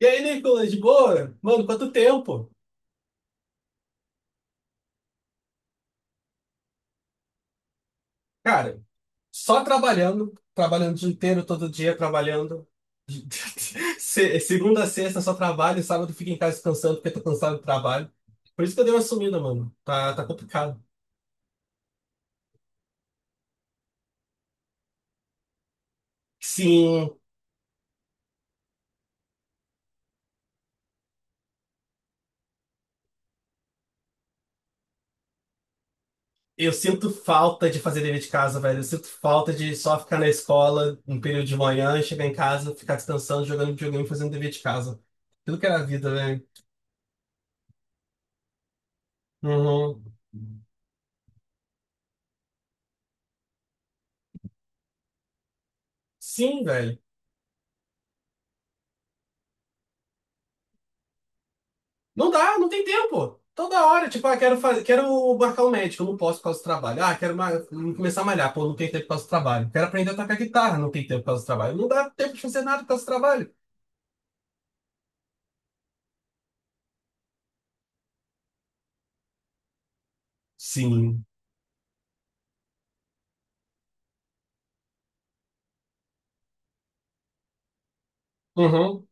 E aí, Nicolas, de boa? Mano, quanto tempo? Cara, só trabalhando, trabalhando o dia inteiro, todo dia trabalhando. Segunda a sexta só trabalho, sábado fico em casa descansando porque tô cansado do trabalho. Por isso que eu dei uma sumida, mano. Tá complicado. Sim, eu sinto falta de fazer dever de casa, velho. Eu sinto falta de só ficar na escola um período de manhã, chegar em casa, ficar descansando, jogando videogame, fazendo dever de casa. Aquilo que era a vida, velho. Uhum. Sim, velho. Não dá, não tem tempo. Toda hora, tipo, ah, quero fazer, quero marcar um médico, não posso por causa do trabalho. Ah, começar a malhar, pô, não tem tempo por causa do trabalho. Quero aprender a tocar guitarra, não tem tempo por causa do trabalho. Não dá tempo de fazer nada por causa do trabalho. Sim. Uhum.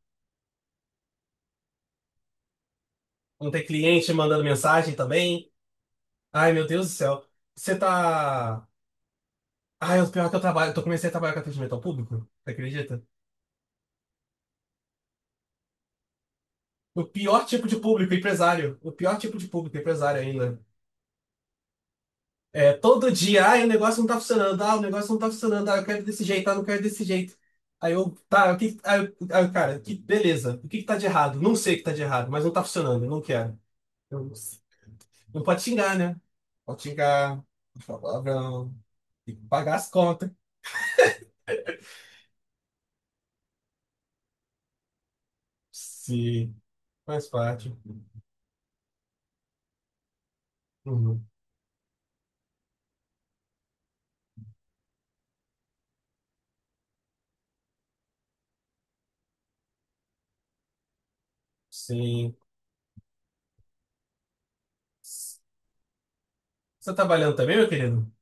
Não tem cliente mandando mensagem também. Ai, meu Deus do céu. Você tá. Ai, o pior que eu trabalho, eu comecei a trabalhar com atendimento ao público, você acredita? O pior tipo de público, empresário. O pior tipo de público, empresário ainda. É, todo dia, ai, o negócio não tá funcionando, ah, o negócio não tá funcionando, ah, eu quero desse jeito, ah, não quero desse jeito. Aí eu, tá, o que, aí, aí eu, cara, que, beleza, o que que tá de errado? Não sei o que tá de errado, mas não tá funcionando, eu não quero. Eu- não pode xingar, né? Pode xingar, pode falar palavrão, tem que pagar as contas. Sim, faz parte. Uhum. Sim. Você tá trabalhando também, meu querido? O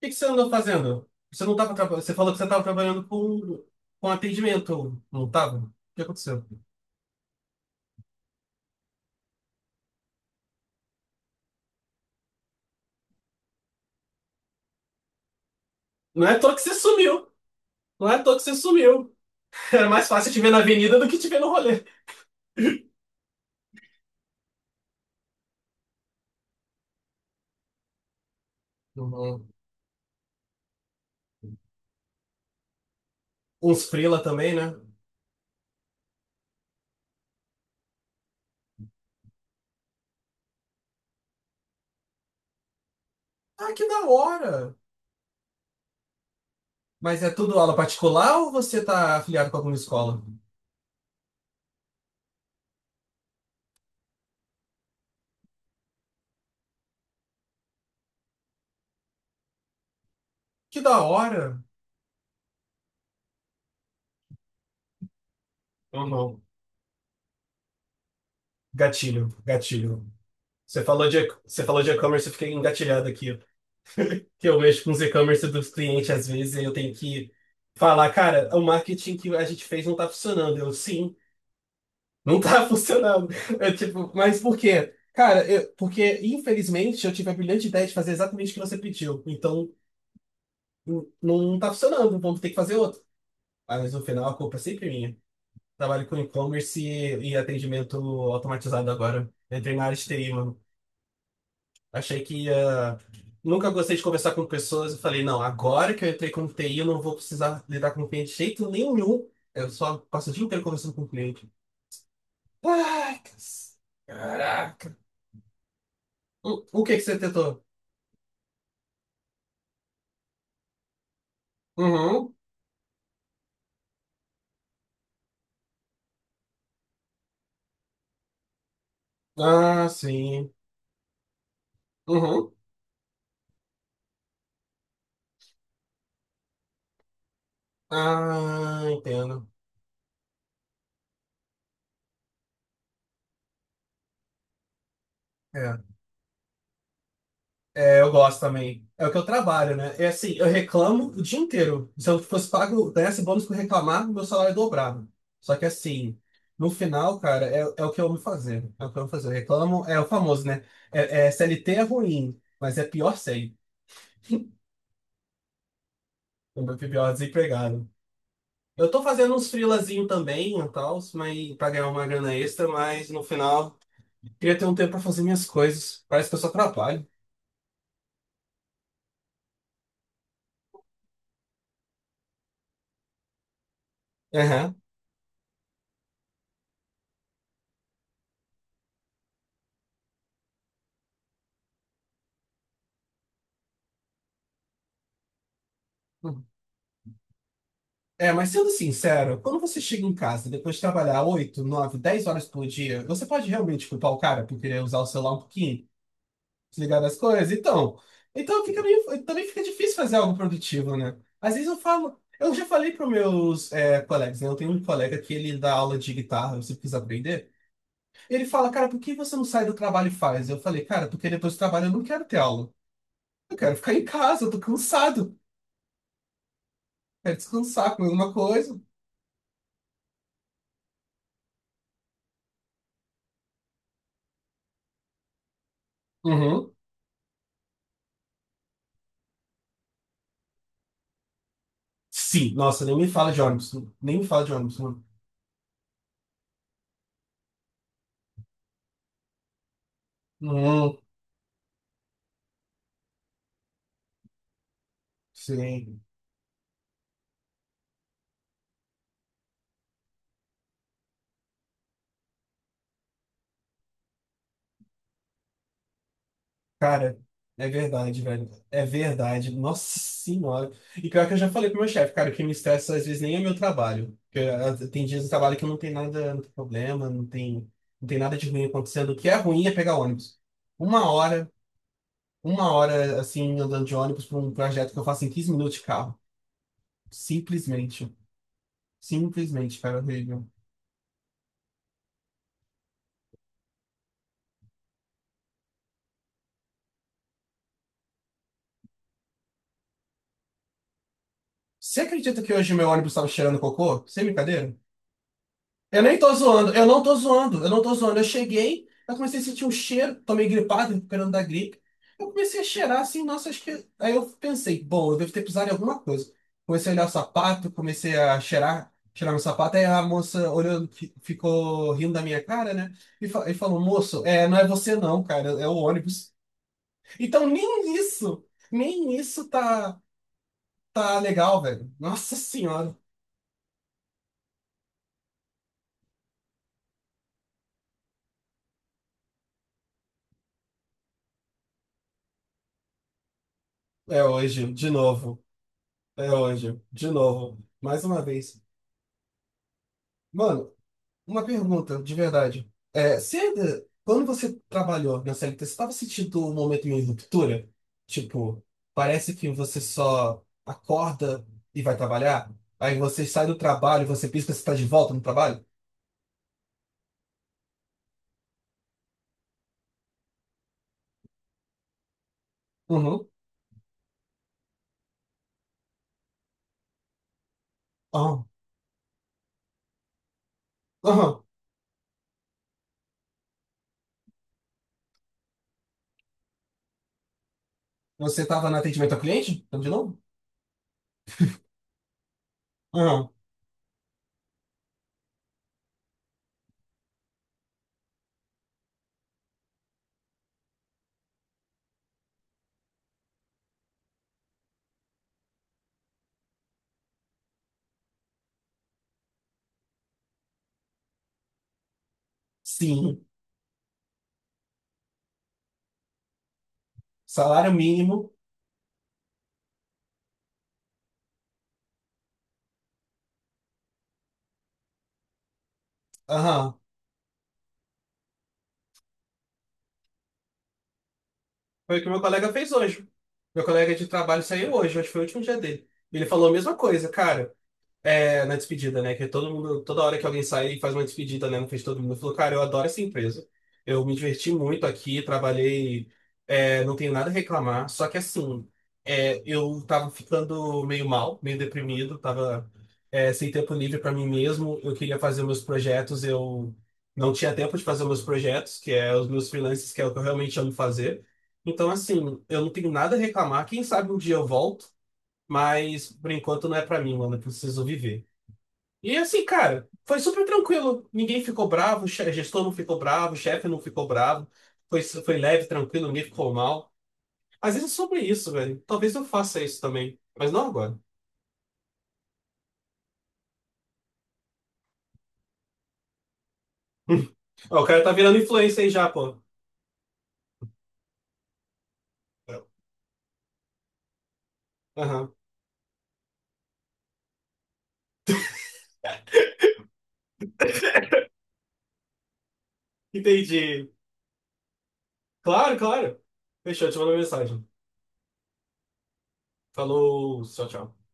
que que você andou fazendo? Você não tava, você falou que você estava trabalhando com atendimento, não estava? O que aconteceu? Não é à toa que você sumiu. Não é à toa que você sumiu. Era mais fácil te ver na avenida do que te ver no rolê. Uhum. Uns frila também, né? Ah, que da hora! Mas é tudo aula particular ou você tá afiliado com alguma escola? Que da hora! Uhum. Gatilho, gatilho. Você falou de e-commerce, eu fiquei engatilhado aqui. Que eu mexo com os e-commerce dos clientes às vezes e eu tenho que falar, cara, o marketing que a gente fez não tá funcionando. Eu, sim. Não tá funcionando. É tipo, mas por quê? Cara, porque infelizmente eu tive a brilhante ideia de fazer exatamente o que você pediu. Então não tá funcionando, vamos ter que fazer outro. Ah, mas no final a culpa é sempre minha. Trabalho com e-commerce e atendimento automatizado agora. Entrei na área de TI, mano. Achei que ia. Nunca gostei de conversar com pessoas. Eu falei, não, agora que eu entrei com TI, eu não vou precisar lidar com cliente de jeito nenhum. Eu só passo o dia inteiro conversando com o cliente. Ai, caraca! O que que você tentou? Uhum. Ah, sim. Uhum. Ah, entendo. É. É, eu gosto também. É o que eu trabalho, né? É assim, eu reclamo o dia inteiro. Se eu fosse pago, ganhasse bônus por reclamar, meu salário dobrava. Só que assim, no final, cara, é o que eu amo fazer. É o que eu amo fazer. Eu reclamo, é o famoso, né? CLT é ruim, mas é pior sem. O meu pior desempregado. Eu tô fazendo uns freelazinho também e tal, mas pra ganhar uma grana extra, mas no final. Queria ter um tempo pra fazer minhas coisas. Parece que eu só trabalho. Aham. É, mas sendo sincero, quando você chega em casa depois de trabalhar 8 9 10 horas por dia, você pode realmente culpar o cara por querer usar o celular um pouquinho, desligar das coisas? Então, então fica meio, também fica difícil fazer algo produtivo, né? Às vezes eu já falei para meus colegas, né? Eu tenho um colega que ele dá aula de guitarra, eu sempre quis aprender. Ele fala, cara, por que você não sai do trabalho e faz? Eu falei, cara, porque depois do trabalho eu não quero ter aula. Eu quero ficar em casa, eu tô cansado. Quer descansar, comer alguma coisa. Uhum. Sim, nossa, nem me fala de ônibus. Nem me fala de ônibus, mano. Hum, sim. Cara, é verdade, velho. É verdade. Nossa senhora. E pior que eu já falei pro meu chefe, cara, o que me estressa às vezes nem é meu trabalho. Porque, ah, tem dias de trabalho que não tem nada, não tem problema, não tem nada de ruim acontecendo. O que é ruim é pegar ônibus. Uma hora, uma hora assim, andando de ônibus pra um projeto que eu faço em 15 minutos de carro. Simplesmente. Simplesmente, cara, horrível. Você acredita que hoje meu ônibus estava cheirando cocô? Sem brincadeira? Eu nem tô zoando, eu não tô zoando, eu não tô zoando. Eu cheguei, eu comecei a sentir um cheiro, tomei gripado, recuperando da gripe. Eu comecei a cheirar assim, nossa, acho que. Aí eu pensei, bom, eu devo ter pisado em alguma coisa. Comecei a olhar o sapato, comecei a cheirar, cheirar meu sapato. Aí a moça olhando, ficou rindo da minha cara, né? E falou, moço, não é você não, cara, é o ônibus. Então nem isso, nem isso tá legal, velho. Nossa senhora. É hoje, de novo. É hoje, de novo. Mais uma vez. Mano, uma pergunta, de verdade. É, quando você trabalhou na CLT, você estava sentindo um momento de ruptura? Tipo, parece que você só acorda e vai trabalhar? Aí você sai do trabalho, você pisca, você está de volta no trabalho? Uhum. Aham. Aham. Você estava no atendimento ao cliente? Então, de novo? Aham. Sim. Salário mínimo? Aham. Foi o que meu colega fez hoje. Meu colega de trabalho saiu hoje, hoje foi o último dia dele. Ele falou a mesma coisa, cara. É, na despedida, né? Que todo mundo, toda hora que alguém sai, faz uma despedida, né? Não fez todo mundo. Falou, cara, eu adoro essa empresa. Eu me diverti muito aqui, trabalhei, não tenho nada a reclamar. Só que assim, eu tava ficando meio mal, meio deprimido, tava, sem tempo livre para mim mesmo. Eu queria fazer meus projetos, eu não tinha tempo de fazer meus projetos, que é os meus freelances, que é o que eu realmente amo fazer. Então, assim, eu não tenho nada a reclamar. Quem sabe um dia eu volto, mas por enquanto não é para mim, mano. Eu preciso viver. E assim, cara, foi super tranquilo. Ninguém ficou bravo, gestor não ficou bravo, o chefe não ficou bravo. Foi leve, tranquilo, ninguém ficou mal. Às vezes é sobre isso, velho. Talvez eu faça isso também, mas não agora. Ó, o cara tá virando influencer aí já, pô. Aham. Entendi. Claro, claro. Fechou, te mando uma mensagem. Falou, tchau, tchau.